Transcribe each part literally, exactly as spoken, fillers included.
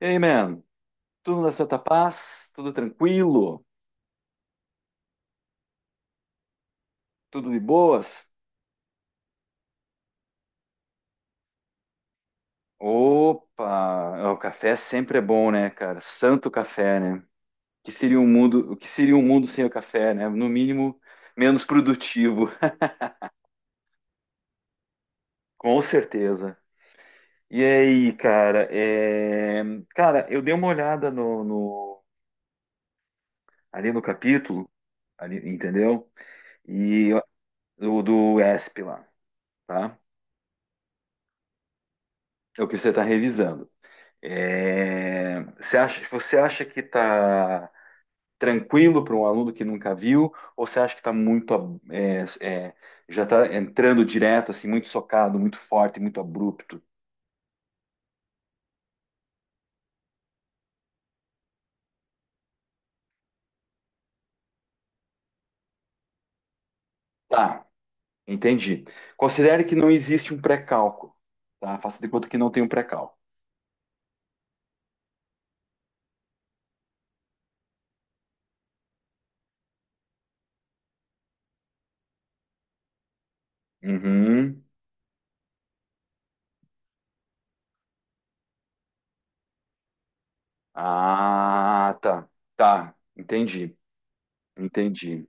Ei, man, tudo na Santa Paz? Tudo tranquilo? Tudo de boas? Opa, o café sempre é bom, né, cara? Santo café, né? Que seria um mundo, o que seria um mundo sem o café, né? No mínimo, menos produtivo, com certeza. E aí, cara, é... cara, eu dei uma olhada no, no- ali no capítulo, ali, entendeu? E o do E S P lá, tá? É o que você está revisando. É, você acha, você acha que está tranquilo para um aluno que nunca viu, ou você acha que está muito é, é, já está entrando direto, assim, muito socado, muito forte, muito abrupto? Tá, entendi. Considere que não existe um pré-cálculo, tá? Faça de conta que não tem um pré-cálculo. Uhum. Ah, tá, tá, entendi, entendi.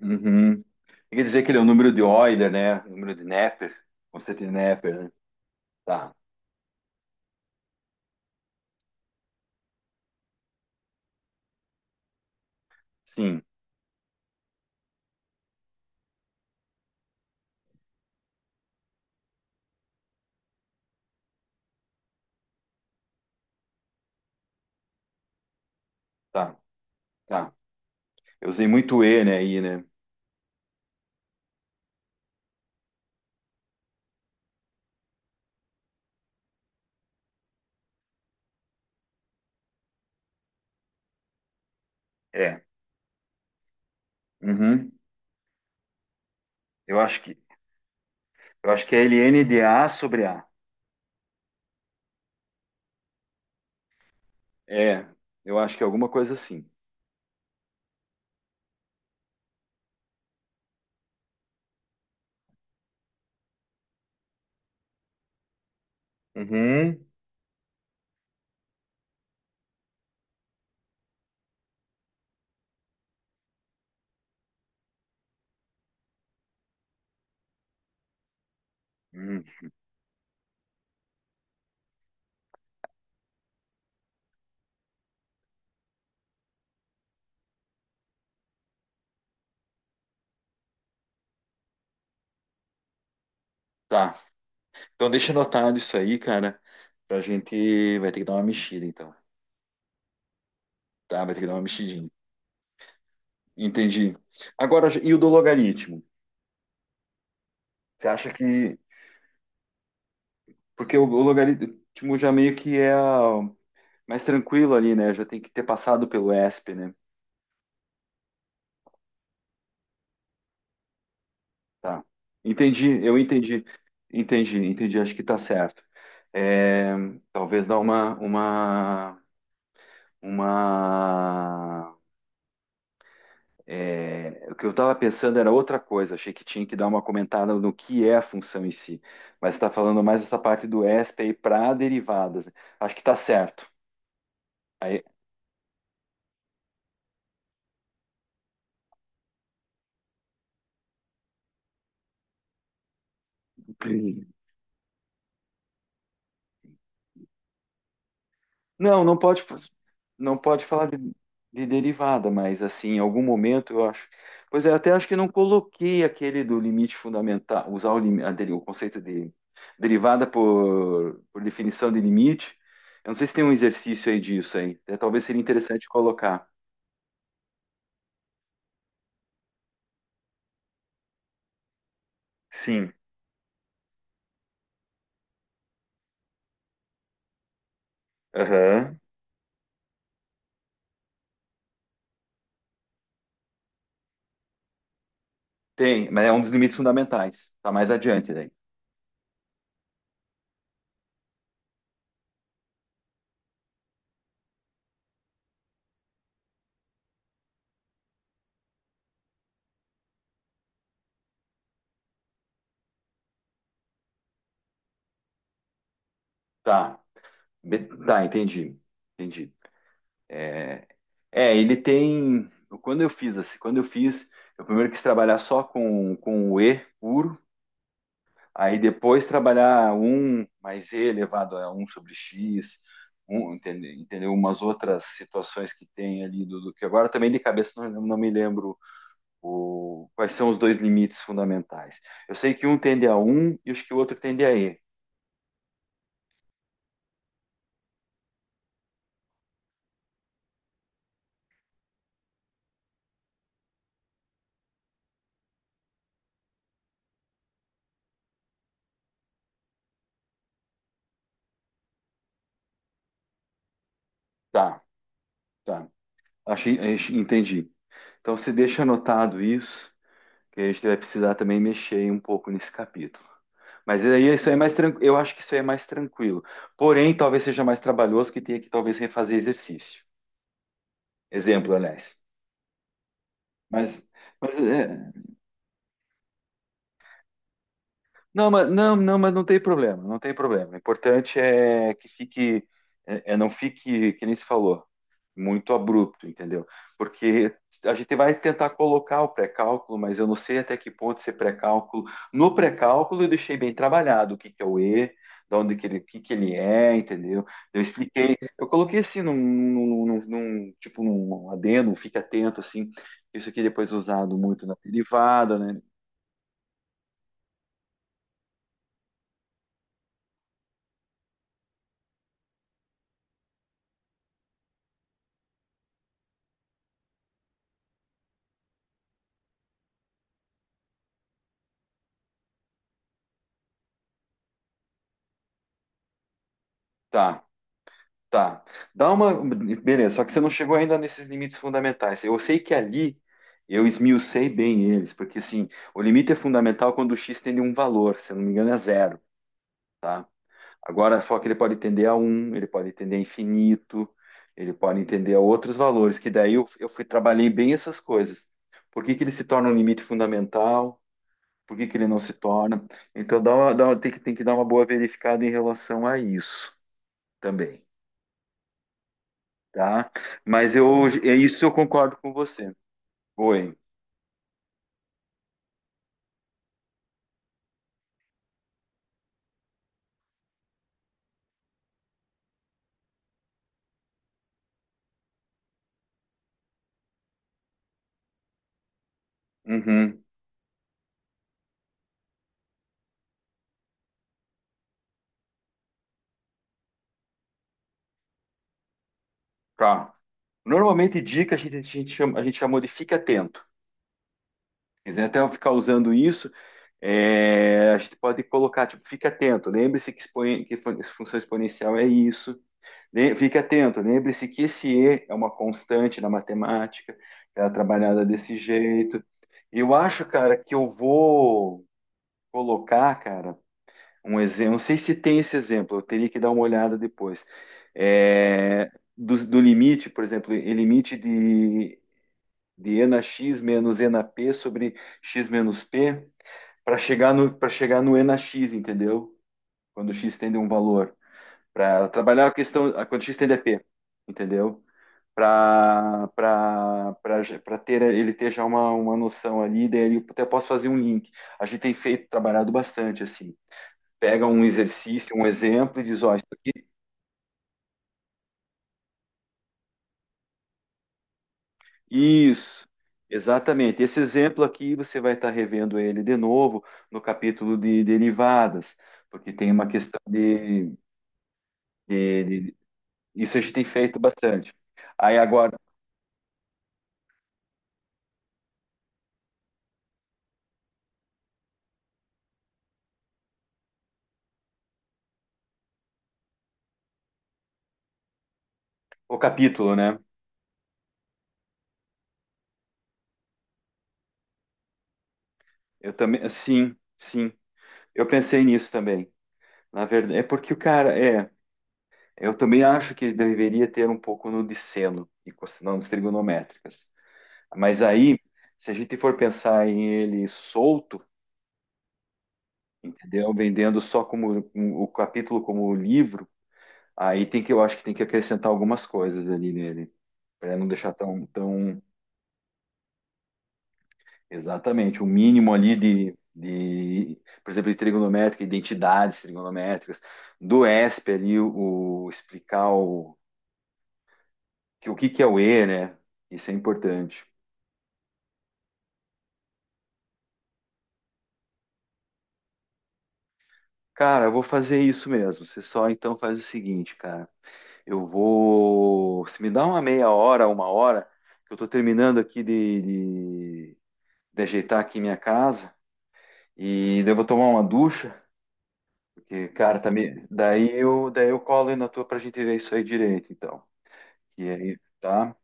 Uhum. Quer dizer que ele é o número de Euler, né? O Número de Neper, conceito de Neper, né? Tá, sim, tá. Tá. Eu usei muito E, né, aí, né? É. Uhum. Eu acho que eu acho que é ln de A sobre A. É, eu acho que é alguma coisa assim. Uhum. Uhum. Tá. Então deixa anotado isso aí, cara. Pra gente vai ter que dar uma mexida, então. Tá, vai ter que dar uma mexidinha. Entendi. Agora, e o do logaritmo? Você acha que. Porque o, o logaritmo já meio que é a- mais tranquilo ali, né? Já tem que ter passado pelo E S P, né? Tá. Entendi, eu entendi. Entendi, entendi, acho que tá certo. É, talvez dar uma, uma, uma. é, o que eu estava pensando era outra coisa, achei que tinha que dar uma comentada no que é a função em si, mas está falando mais essa parte do E S P aí para derivadas. Né? Acho que está certo. Aí, Não, não pode, fa- não pode falar de, de derivada, mas assim, em algum momento eu acho. Pois é, até acho que não coloquei aquele do limite fundamental, usar o, lim- a deri- o conceito de derivada por, por definição de limite. Eu não sei se tem um exercício aí disso aí. Até talvez seria interessante colocar. Sim. Aham. Tem, mas é um dos limites fundamentais. Tá mais adiante daí. Tá. Be- Tá, entendi. Entendi. É, É, ele tem. Quando eu fiz assim, quando eu fiz, eu primeiro quis trabalhar só com, com o E puro, aí depois trabalhar um mais E elevado a um sobre X, um, entende- entendeu? Umas outras situações que tem ali do, do que agora também de cabeça não, não me lembro o, quais são os dois limites fundamentais. Eu sei que um tende a um e acho que o outro tende a E. Tá, tá. Achei, achei- entendi. Então você deixa anotado isso, que a gente vai precisar também mexer um pouco nesse capítulo. Mas aí isso aí é mais tranquilo. Eu acho que isso aí é mais tranquilo. Porém, talvez seja mais trabalhoso que tenha que talvez refazer exercício. Exemplo, aliás. Mas, mas é, não, mas não, não, mas não tem problema, não tem problema. O importante é que fique, é, é não fique, que nem se falou, muito abrupto, entendeu? Porque a gente vai tentar colocar o pré-cálculo, mas eu não sei até que ponto esse pré-cálculo. No pré-cálculo eu deixei bem trabalhado o que que é o E, de onde que ele, o que que ele é, entendeu? Eu expliquei, eu coloquei assim num, num, num- num- tipo num adendo, fique atento assim. Isso aqui depois é usado muito na derivada, né? Tá. Tá. Dá uma. Beleza, só que você não chegou ainda nesses limites fundamentais. Eu sei que ali eu esmiucei bem eles, porque assim, o limite é fundamental é quando o x tende a um valor, se eu não me engano, é zero, tá? Agora, só que ele pode tender a um, ele pode tender a infinito, ele pode entender a outros valores, que daí eu, eu fui, trabalhei bem essas coisas. Por que que ele se torna um limite fundamental? Por que que ele não se torna? Então, dá uma- dá uma- tem que, tem que dar uma boa verificada em relação a isso também. Tá? Mas eu, é isso eu concordo com você. Oi. Uhum. Tá. Normalmente dica a gente, a gente chama, a gente chamou de fique atento. Se quiser até eu ficar usando isso, é, a gente pode colocar, tipo, fique atento, lembre-se que, exponen- que fun- função exponencial é isso. Le- Fique atento, lembre-se que esse E é uma constante na matemática, ela é trabalhada desse jeito. Eu acho, cara, que eu vou colocar, cara, Um exemplo, não sei se tem esse exemplo, eu teria que dar uma olhada depois. É, do, do limite, por exemplo, e limite de, de enax menos enap sobre x menos p para chegar no para chegar no enax, entendeu? Quando x tende a um valor, para trabalhar a questão a- quando x tende a p, entendeu? Para para ter ele ter já uma, uma noção ali, daí eu até posso fazer um link. A gente tem feito, trabalhado bastante assim pega um exercício, um exemplo e diz, ó, isso aqui, isso, exatamente. Esse exemplo aqui você vai estar revendo ele de novo no capítulo de derivadas, porque tem uma questão de, de- de- isso a gente tem feito bastante. Aí agora, o capítulo, né? Eu também, sim, sim, eu pensei nisso também. Na verdade, é porque o cara, é, eu também acho que deveria ter um pouco no de seno e cosinâncias trigonométricas. Mas aí, se a gente for pensar em ele solto, entendeu? Vendendo só como um- o capítulo como livro, aí tem que eu acho que tem que acrescentar algumas coisas ali nele, para não deixar tão tão exatamente o mínimo ali de de, por exemplo, de trigonométrica, identidades trigonométricas, do E S P ali o, o explicar o que o que que é o E, né? Isso é importante. Cara, eu vou fazer isso mesmo. Você só então faz o seguinte, cara. Eu vou. Se me dá uma meia hora, uma hora, que eu tô terminando aqui de, de, de ajeitar aqui minha casa e daí eu vou tomar uma ducha, porque, cara, tá me... daí eu daí eu colo aí na tua pra gente ver isso aí direito, então. E aí, tá?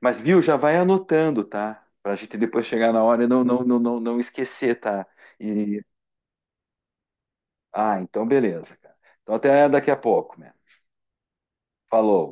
Mas viu, já vai anotando, tá? Pra gente depois chegar na hora e não, não, não, não, não esquecer, tá? E... Ah, então beleza, cara. Então até daqui a pouco, né? Falou.